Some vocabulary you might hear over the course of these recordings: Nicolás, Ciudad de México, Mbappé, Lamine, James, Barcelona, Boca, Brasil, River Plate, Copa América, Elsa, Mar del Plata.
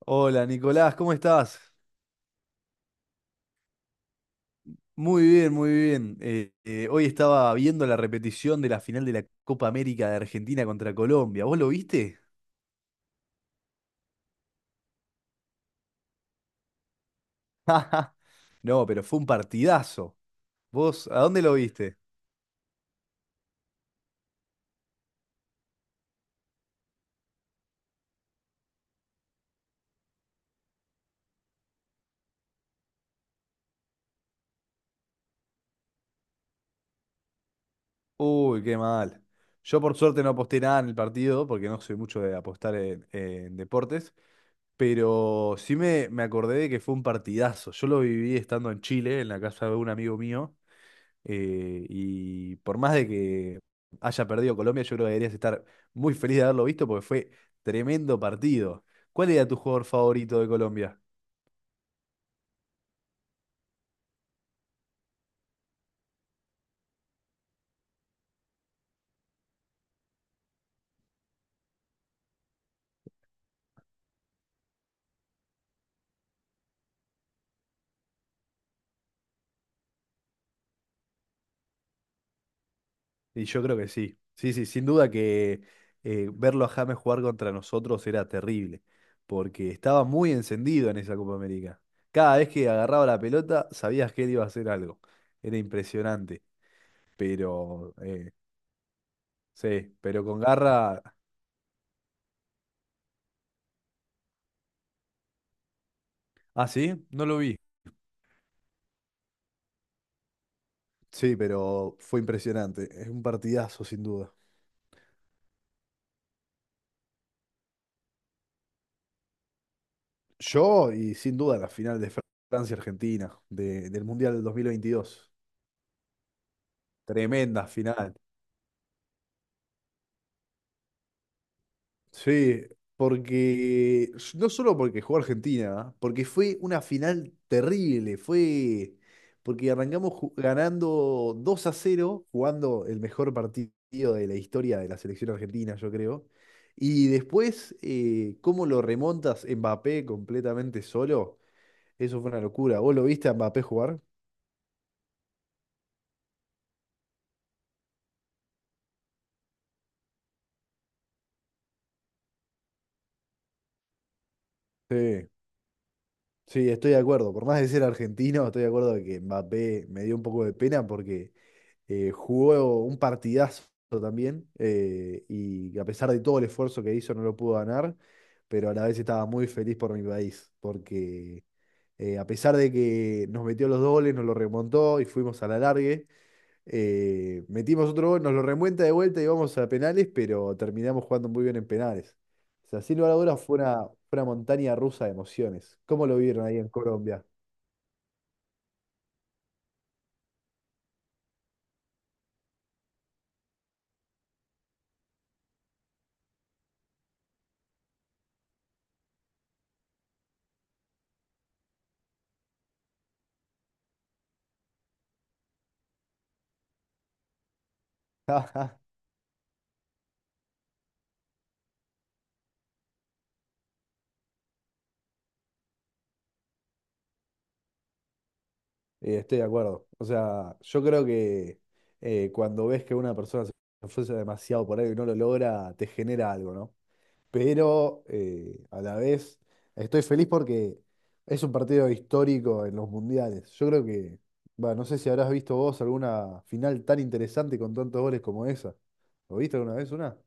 Hola Nicolás, ¿cómo estás? Muy bien, muy bien. Hoy estaba viendo la repetición de la final de la Copa América de Argentina contra Colombia. ¿Vos lo viste? No, pero fue un partidazo. ¿Vos a dónde lo viste? Uy, qué mal. Yo por suerte no aposté nada en el partido porque no soy mucho de apostar en deportes, pero sí me acordé de que fue un partidazo. Yo lo viví estando en Chile, en la casa de un amigo mío. Y por más de que haya perdido Colombia, yo creo que deberías estar muy feliz de haberlo visto porque fue tremendo partido. ¿Cuál era tu jugador favorito de Colombia? Y yo creo que sí. Sí, sí, sin duda que verlo a James jugar contra nosotros era terrible, porque estaba muy encendido en esa Copa América. Cada vez que agarraba la pelota, sabías que él iba a hacer algo. Era impresionante, pero sí, pero con garra. Ah, sí, no lo vi. Sí, pero fue impresionante. Es un partidazo, sin duda. Yo y sin duda la final de Francia-Argentina del Mundial del 2022. Tremenda final. Sí, porque no solo porque jugó Argentina, porque fue una final terrible. Fue porque arrancamos ganando 2-0, jugando el mejor partido de la historia de la selección argentina, yo creo. Y después, cómo lo remontas Mbappé completamente solo. Eso fue una locura. ¿Vos lo viste a Mbappé jugar? Sí. Sí, estoy de acuerdo. Por más de ser argentino, estoy de acuerdo de que Mbappé me dio un poco de pena porque jugó un partidazo también, y a pesar de todo el esfuerzo que hizo no lo pudo ganar, pero a la vez estaba muy feliz por mi país porque a pesar de que nos metió los dobles, nos lo remontó y fuimos a la largue. Metimos otro gol, nos lo remuenta de vuelta y vamos a penales, pero terminamos jugando muy bien en penales. O sea, sin lugar a dudas fue una montaña rusa de emociones. ¿Cómo lo vieron ahí en Colombia? Estoy de acuerdo. O sea, yo creo que cuando ves que una persona se esfuerza demasiado por algo y no lo logra, te genera algo, ¿no? Pero a la vez estoy feliz porque es un partido histórico en los mundiales. Yo creo que, va, no sé si habrás visto vos alguna final tan interesante con tantos goles como esa. ¿Lo viste alguna vez una?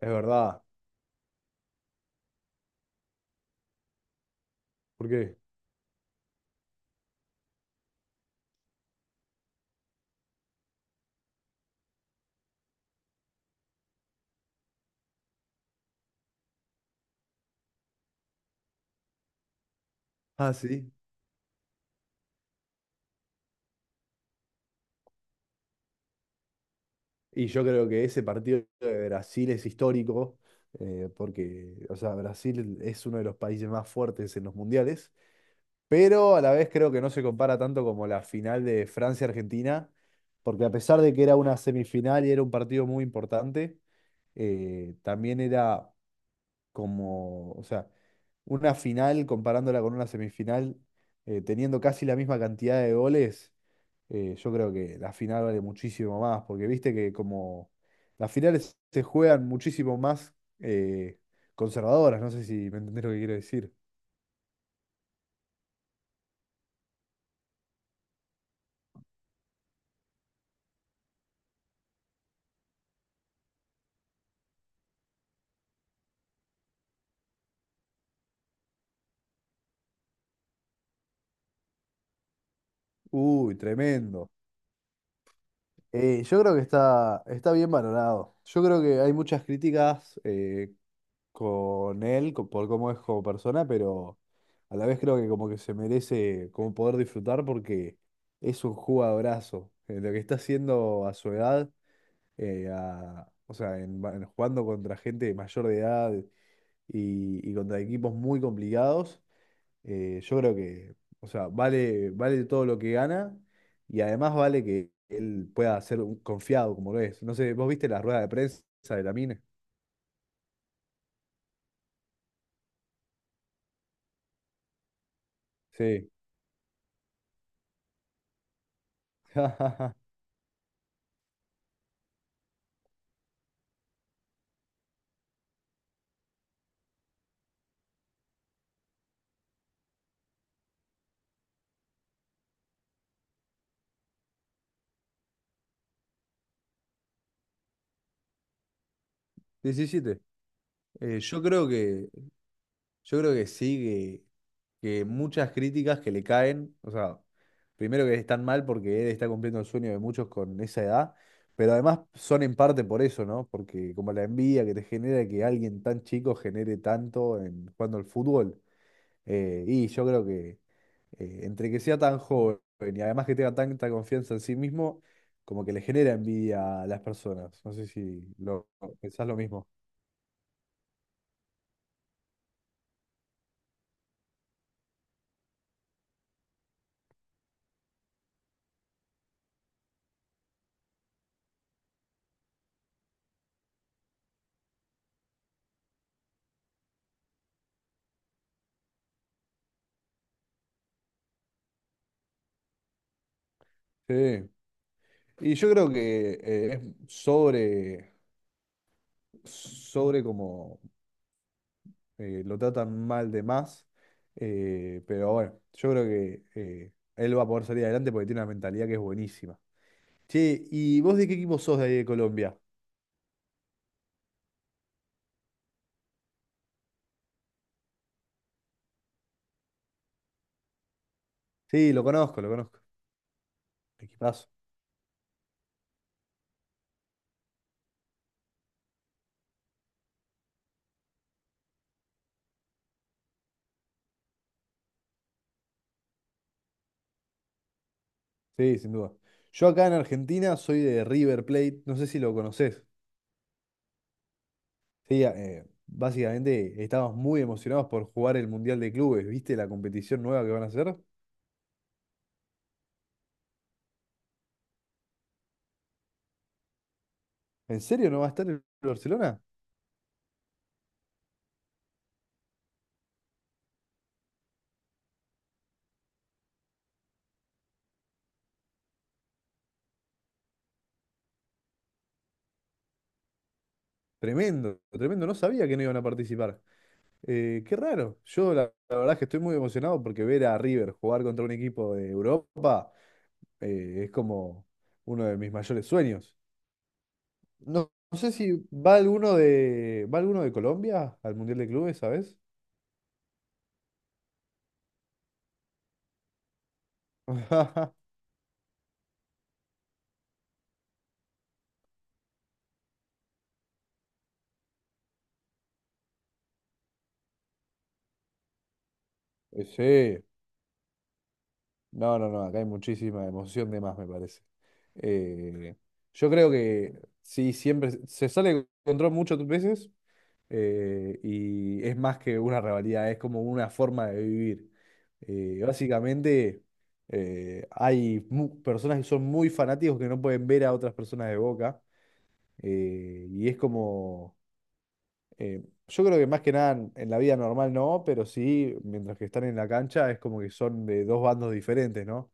Es verdad. ¿Por qué? Ah, sí. Y yo creo que ese partido de Brasil es histórico, porque, o sea, Brasil es uno de los países más fuertes en los mundiales. Pero a la vez creo que no se compara tanto como la final de Francia-Argentina, porque a pesar de que era una semifinal y era un partido muy importante, también era como, o sea, una final comparándola con una semifinal, teniendo casi la misma cantidad de goles, yo creo que la final vale muchísimo más, porque viste que como las finales se juegan muchísimo más eh, conservadoras, no sé si me entendés lo que quiero decir. Uy, tremendo. Yo creo que está, está bien valorado. Yo creo que hay muchas críticas con él por cómo es como persona, pero a la vez creo que como que se merece como poder disfrutar porque es un jugadorazo. Lo que está haciendo a su edad, o sea, jugando contra gente mayor de edad y contra equipos muy complicados, yo creo que, o sea, vale, vale todo lo que gana y además vale que él pueda ser un confiado como lo es. No sé, ¿vos viste la rueda de prensa de la Lamine? Sí. 17. Eh, yo creo que, yo creo que sí, que muchas críticas que le caen, o sea, primero que están mal porque él está cumpliendo el sueño de muchos con esa edad, pero además son en parte por eso, ¿no? Porque como la envidia que te genera que alguien tan chico genere tanto en jugando al fútbol. Y yo creo que entre que sea tan joven y además que tenga tanta confianza en sí mismo, como que le genera envidia a las personas. No sé si lo pensás lo mismo. Sí. Y yo creo que es sobre, sobre como lo tratan mal de más. Eh, pero bueno, yo creo que él va a poder salir adelante porque tiene una mentalidad que es buenísima. Che, ¿y vos de qué equipo sos de ahí de Colombia? Sí, lo conozco, lo conozco. Equipazo. Sí, sin duda. Yo acá en Argentina soy de River Plate, no sé si lo conoces. Sí, básicamente estamos muy emocionados por jugar el Mundial de Clubes, ¿viste la competición nueva que van a hacer? ¿En serio no va a estar el Barcelona? Tremendo, tremendo, no sabía que no iban a participar. Qué raro, yo la, la verdad es que estoy muy emocionado porque ver a River jugar contra un equipo de Europa es como uno de mis mayores sueños. No, no sé si va alguno de, ¿va alguno de Colombia al Mundial de Clubes, ¿sabes? Ajá. Sí, no, no, no, acá hay muchísima emoción de más, me parece. Eh, yo creo que sí, siempre se sale de control muchas veces y es más que una rivalidad, es como una forma de vivir. Básicamente, hay personas que son muy fanáticos que no pueden ver a otras personas de Boca, y es como Eh, yo creo que más que nada en la vida normal no, pero sí, mientras que están en la cancha es como que son de dos bandos diferentes, ¿no?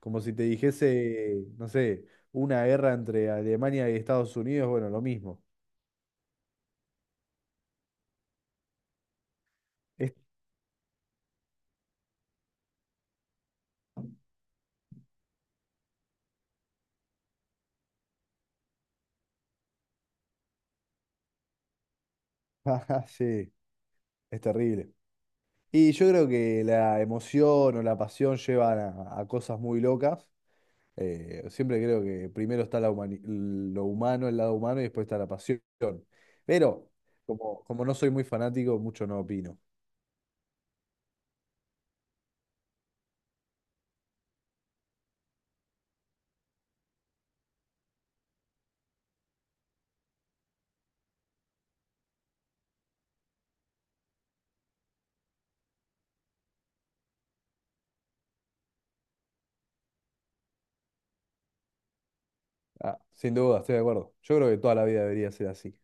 Como si te dijese, no sé, una guerra entre Alemania y Estados Unidos, bueno, lo mismo. Es- Ajá, sí, es terrible. Y yo creo que la emoción o la pasión llevan a cosas muy locas. Siempre creo que primero está la lo humano, el lado humano, y después está la pasión. Pero como, como no soy muy fanático, mucho no opino. Ah, sin duda, estoy de acuerdo. Yo creo que toda la vida debería ser así.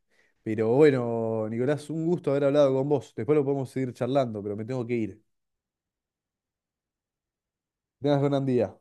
Pero bueno, Nicolás, un gusto haber hablado con vos. Después lo podemos seguir charlando, pero me tengo que ir. Que tengas gran día.